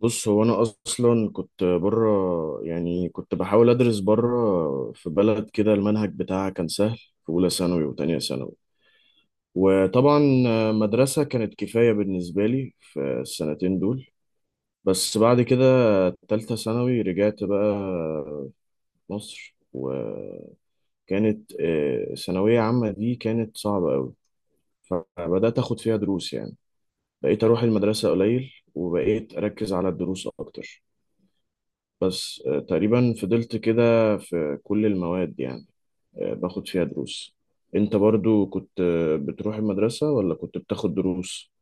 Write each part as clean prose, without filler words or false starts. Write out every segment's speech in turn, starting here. بص، هو انا اصلا كنت بره. يعني كنت بحاول ادرس بره في بلد كده، المنهج بتاعها كان سهل في اولى ثانوي وتانية ثانوي، وطبعا مدرسة كانت كفاية بالنسبة لي في السنتين دول. بس بعد كده تالتة ثانوي رجعت بقى مصر، وكانت ثانوية عامة دي كانت صعبة قوي. فبدأت اخد فيها دروس يعني، بقيت اروح المدرسة قليل وبقيت اركز على الدروس اكتر. بس تقريبا فضلت كده في كل المواد يعني، باخد فيها دروس. انت برضو كنت بتروح المدرسة ولا كنت بتاخد دروس؟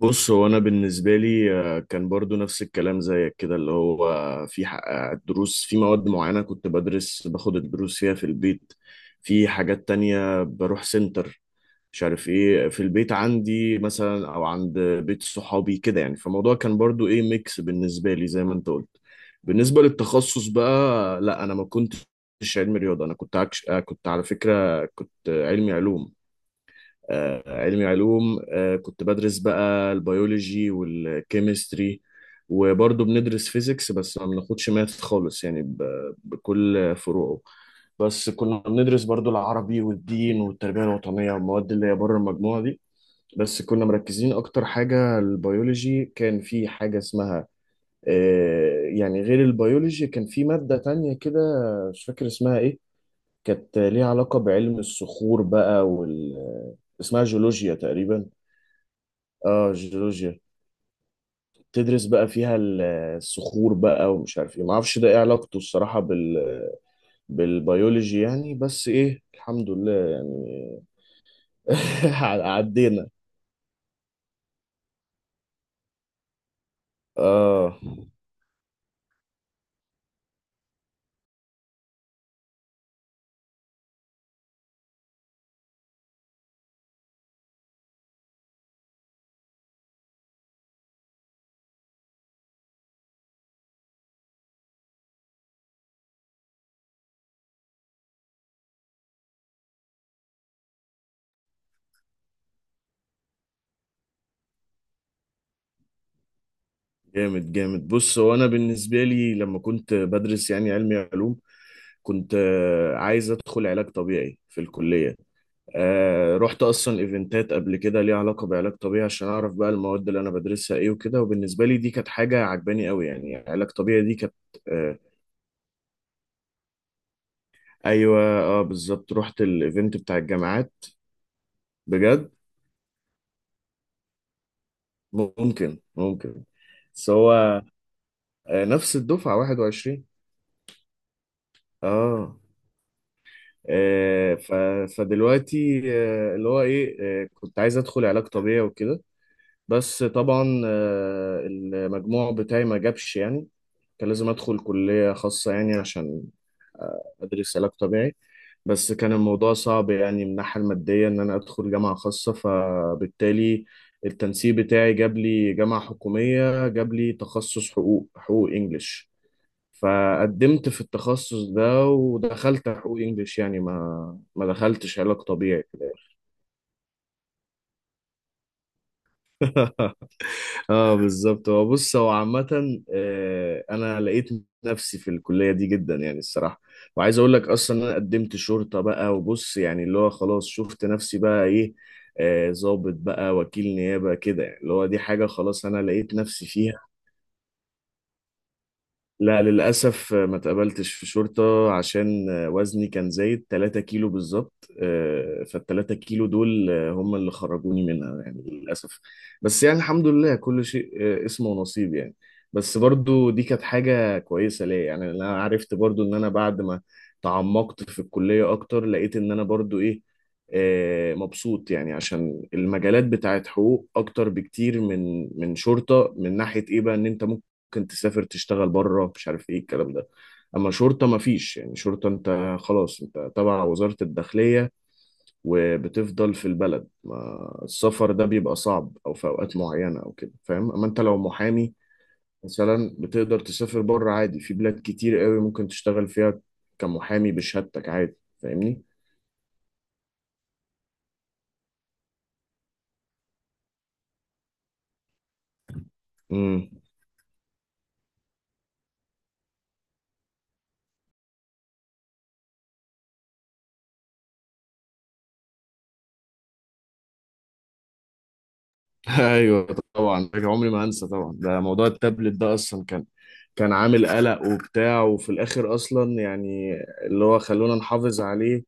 بص، هو انا بالنسبة لي كان برضو نفس الكلام زيك كده. اللي هو في ح- آه، دروس في مواد معينة كنت باخد الدروس فيها في البيت. في حاجات تانية بروح سنتر، مش عارف ايه، في البيت عندي مثلا او عند بيت صحابي كده، يعني فالموضوع كان برضو ايه، ميكس بالنسبة لي زي ما انت قلت. بالنسبة للتخصص بقى، لا، انا ما كنتش علمي رياضة. انا كنت عكش... آه، كنت على فكرة كنت علمي علوم. كنت بدرس بقى البيولوجي والكيمستري، وبرضه بندرس فيزيكس بس ما بناخدش ماث خالص، يعني بكل فروعه. بس كنا بندرس برضه العربي والدين والتربية الوطنية والمواد اللي هي بره المجموعة دي. بس كنا مركزين اكتر حاجه البيولوجي. كان في حاجه اسمها، يعني غير البيولوجي كان في ماده تانية كده، مش فاكر اسمها ايه. كانت ليها علاقه بعلم الصخور بقى، اسمها جيولوجيا تقريبا. اه، جيولوجيا. تدرس بقى فيها الصخور بقى، ومش عارف ايه، ما اعرفش ده ايه علاقته الصراحه بالبيولوجي يعني. بس ايه، الحمد لله يعني. عدينا. اه، جامد جامد. بص، هو انا بالنسبه لي لما كنت بدرس يعني علمي علوم كنت عايز ادخل علاج طبيعي في الكليه. رحت اصلا ايفنتات قبل كده ليها علاقه بعلاج طبيعي، عشان اعرف بقى المواد اللي انا بدرسها ايه وكده. وبالنسبه لي دي كانت حاجه عجباني قوي يعني علاج طبيعي دي كانت آه، ايوه، اه، بالظبط. رحت الايفنت بتاع الجامعات. بجد. ممكن، ممكن. بس هو نفس الدفعه 21. اه. آه، ف- فدلوقتي آه، اللي هو ايه آه، كنت عايز ادخل علاج طبيعي وكده. بس طبعا المجموع بتاعي ما جابش يعني، كان لازم ادخل كلية خاصة يعني عشان ادرس علاج طبيعي. بس كان الموضوع صعب يعني من الناحية المادية ان انا ادخل جامعة خاصة، فبالتالي التنسيق بتاعي جاب لي جامعة حكومية، جاب لي تخصص حقوق، حقوق انجليش. فقدمت في التخصص ده ودخلت حقوق انجليش، يعني ما دخلتش علاج طبيعي. اه بالظبط. هو بص، هو عامة انا لقيت نفسي في الكلية دي جدا يعني الصراحة. وعايز اقول لك اصلا إن انا قدمت شرطة بقى. وبص يعني، اللي هو خلاص شفت نفسي بقى ايه، ضابط بقى، وكيل نيابة كده، يعني اللي هو دي حاجة خلاص انا لقيت نفسي فيها. لا، للأسف ما تقبلتش في شرطة، عشان وزني كان زايد 3 كيلو بالظبط. فالتلاتة كيلو دول هم اللي خرجوني منها يعني، للأسف. بس يعني الحمد لله، كل شيء اسمه ونصيب يعني. بس برضو دي كانت حاجة كويسة ليا، يعني أنا عرفت برضو إن أنا بعد ما تعمقت في الكلية أكتر لقيت إن أنا برضو إيه، مبسوط يعني. عشان المجالات بتاعت حقوق أكتر بكتير من شرطة، من ناحية إيه بقى إن أنت ممكن تسافر تشتغل بره، مش عارف ايه الكلام ده. اما شرطة ما فيش يعني. شرطة انت خلاص انت تبع وزارة الداخلية، وبتفضل في البلد، ما السفر ده بيبقى صعب او في اوقات معينة او كده، فاهم؟ اما انت لو محامي مثلا بتقدر تسافر بره عادي، في بلاد كتير قوي ممكن تشتغل فيها كمحامي بشهادتك عادي، فاهمني. ايوه. طبعا ده عمري ما انسى. طبعا ده موضوع التابلت ده اصلا كان عامل قلق وبتاع، وفي الاخر اصلا يعني، اللي هو خلونا نحافظ عليه.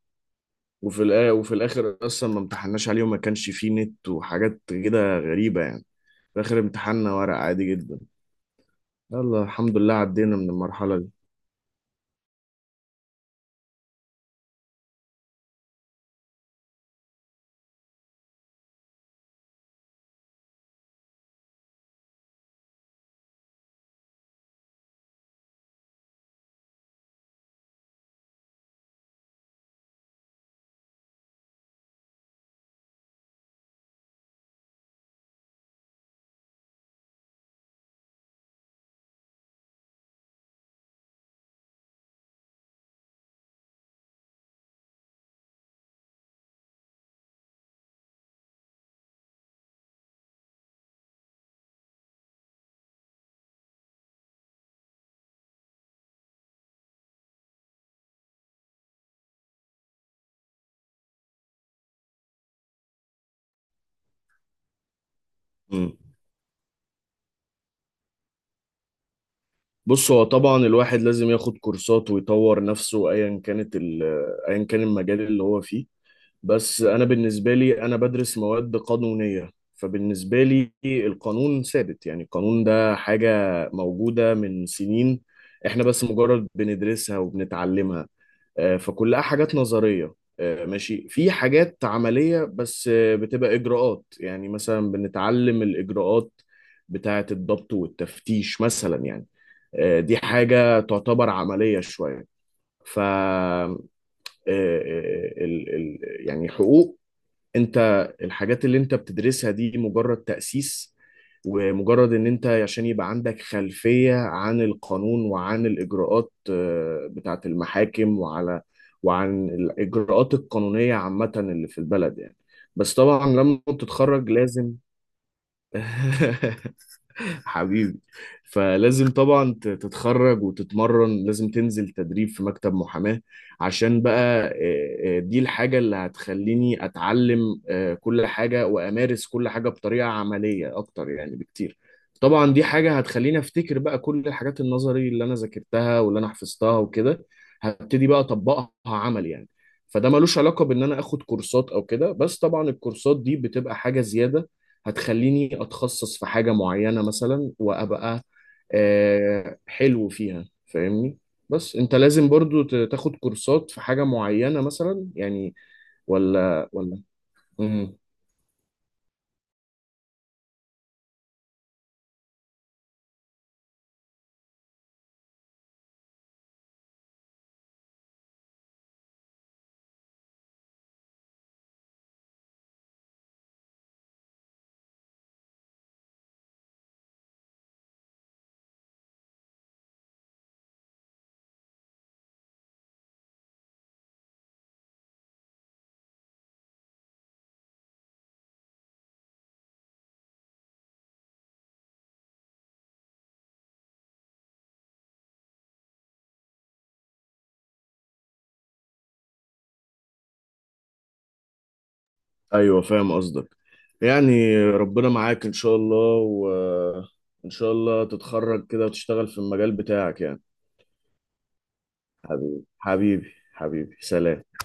وفي الاخر اصلا ما امتحناش عليه، وما كانش فيه نت وحاجات كده غريبة يعني. في الاخر امتحاننا ورق عادي جدا. يلا، الحمد لله عدينا من المرحلة دي. مم. بص، هو طبعا الواحد لازم ياخد كورسات ويطور نفسه، ايا كان المجال اللي هو فيه. بس انا بالنسبه لي انا بدرس مواد قانونيه. فبالنسبه لي القانون ثابت، يعني القانون ده حاجه موجوده من سنين، احنا بس مجرد بندرسها وبنتعلمها. فكلها حاجات نظريه. ماشي، في حاجات عمليه بس، بتبقى اجراءات، يعني مثلا بنتعلم الاجراءات بتاعه الضبط والتفتيش مثلا يعني. دي حاجه تعتبر عمليه شويه. ف آه، آه، آه، ال- ال- يعني حقوق، انت الحاجات اللي انت بتدرسها دي مجرد تأسيس. ومجرد ان انت عشان يبقى عندك خلفية عن القانون وعن الاجراءات بتاعة المحاكم، وعن الاجراءات القانونية عامة اللي في البلد يعني. بس طبعا لما تتخرج لازم حبيبي. فلازم طبعا تتخرج وتتمرن، لازم تنزل تدريب في مكتب محاماة. عشان بقى دي الحاجة اللي هتخليني أتعلم كل حاجة وأمارس كل حاجة بطريقة عملية أكتر يعني بكتير. طبعا دي حاجة هتخليني أفتكر بقى كل الحاجات النظري اللي أنا ذاكرتها واللي أنا حفظتها وكده. هبتدي بقى أطبقها عمل يعني. فده ملوش علاقة بإن أنا آخد كورسات أو كده، بس طبعا الكورسات دي بتبقى حاجة زيادة، هتخليني اتخصص في حاجة معينة مثلا وابقى حلو فيها، فاهمني. بس انت لازم برضو تاخد كورسات في حاجة معينة مثلا يعني، ولا ولا؟ مم. ايوه فاهم قصدك. يعني ربنا معاك ان شاء الله، وان شاء الله تتخرج كده وتشتغل في المجال بتاعك يعني. حبيبي حبيبي حبيبي، سلام.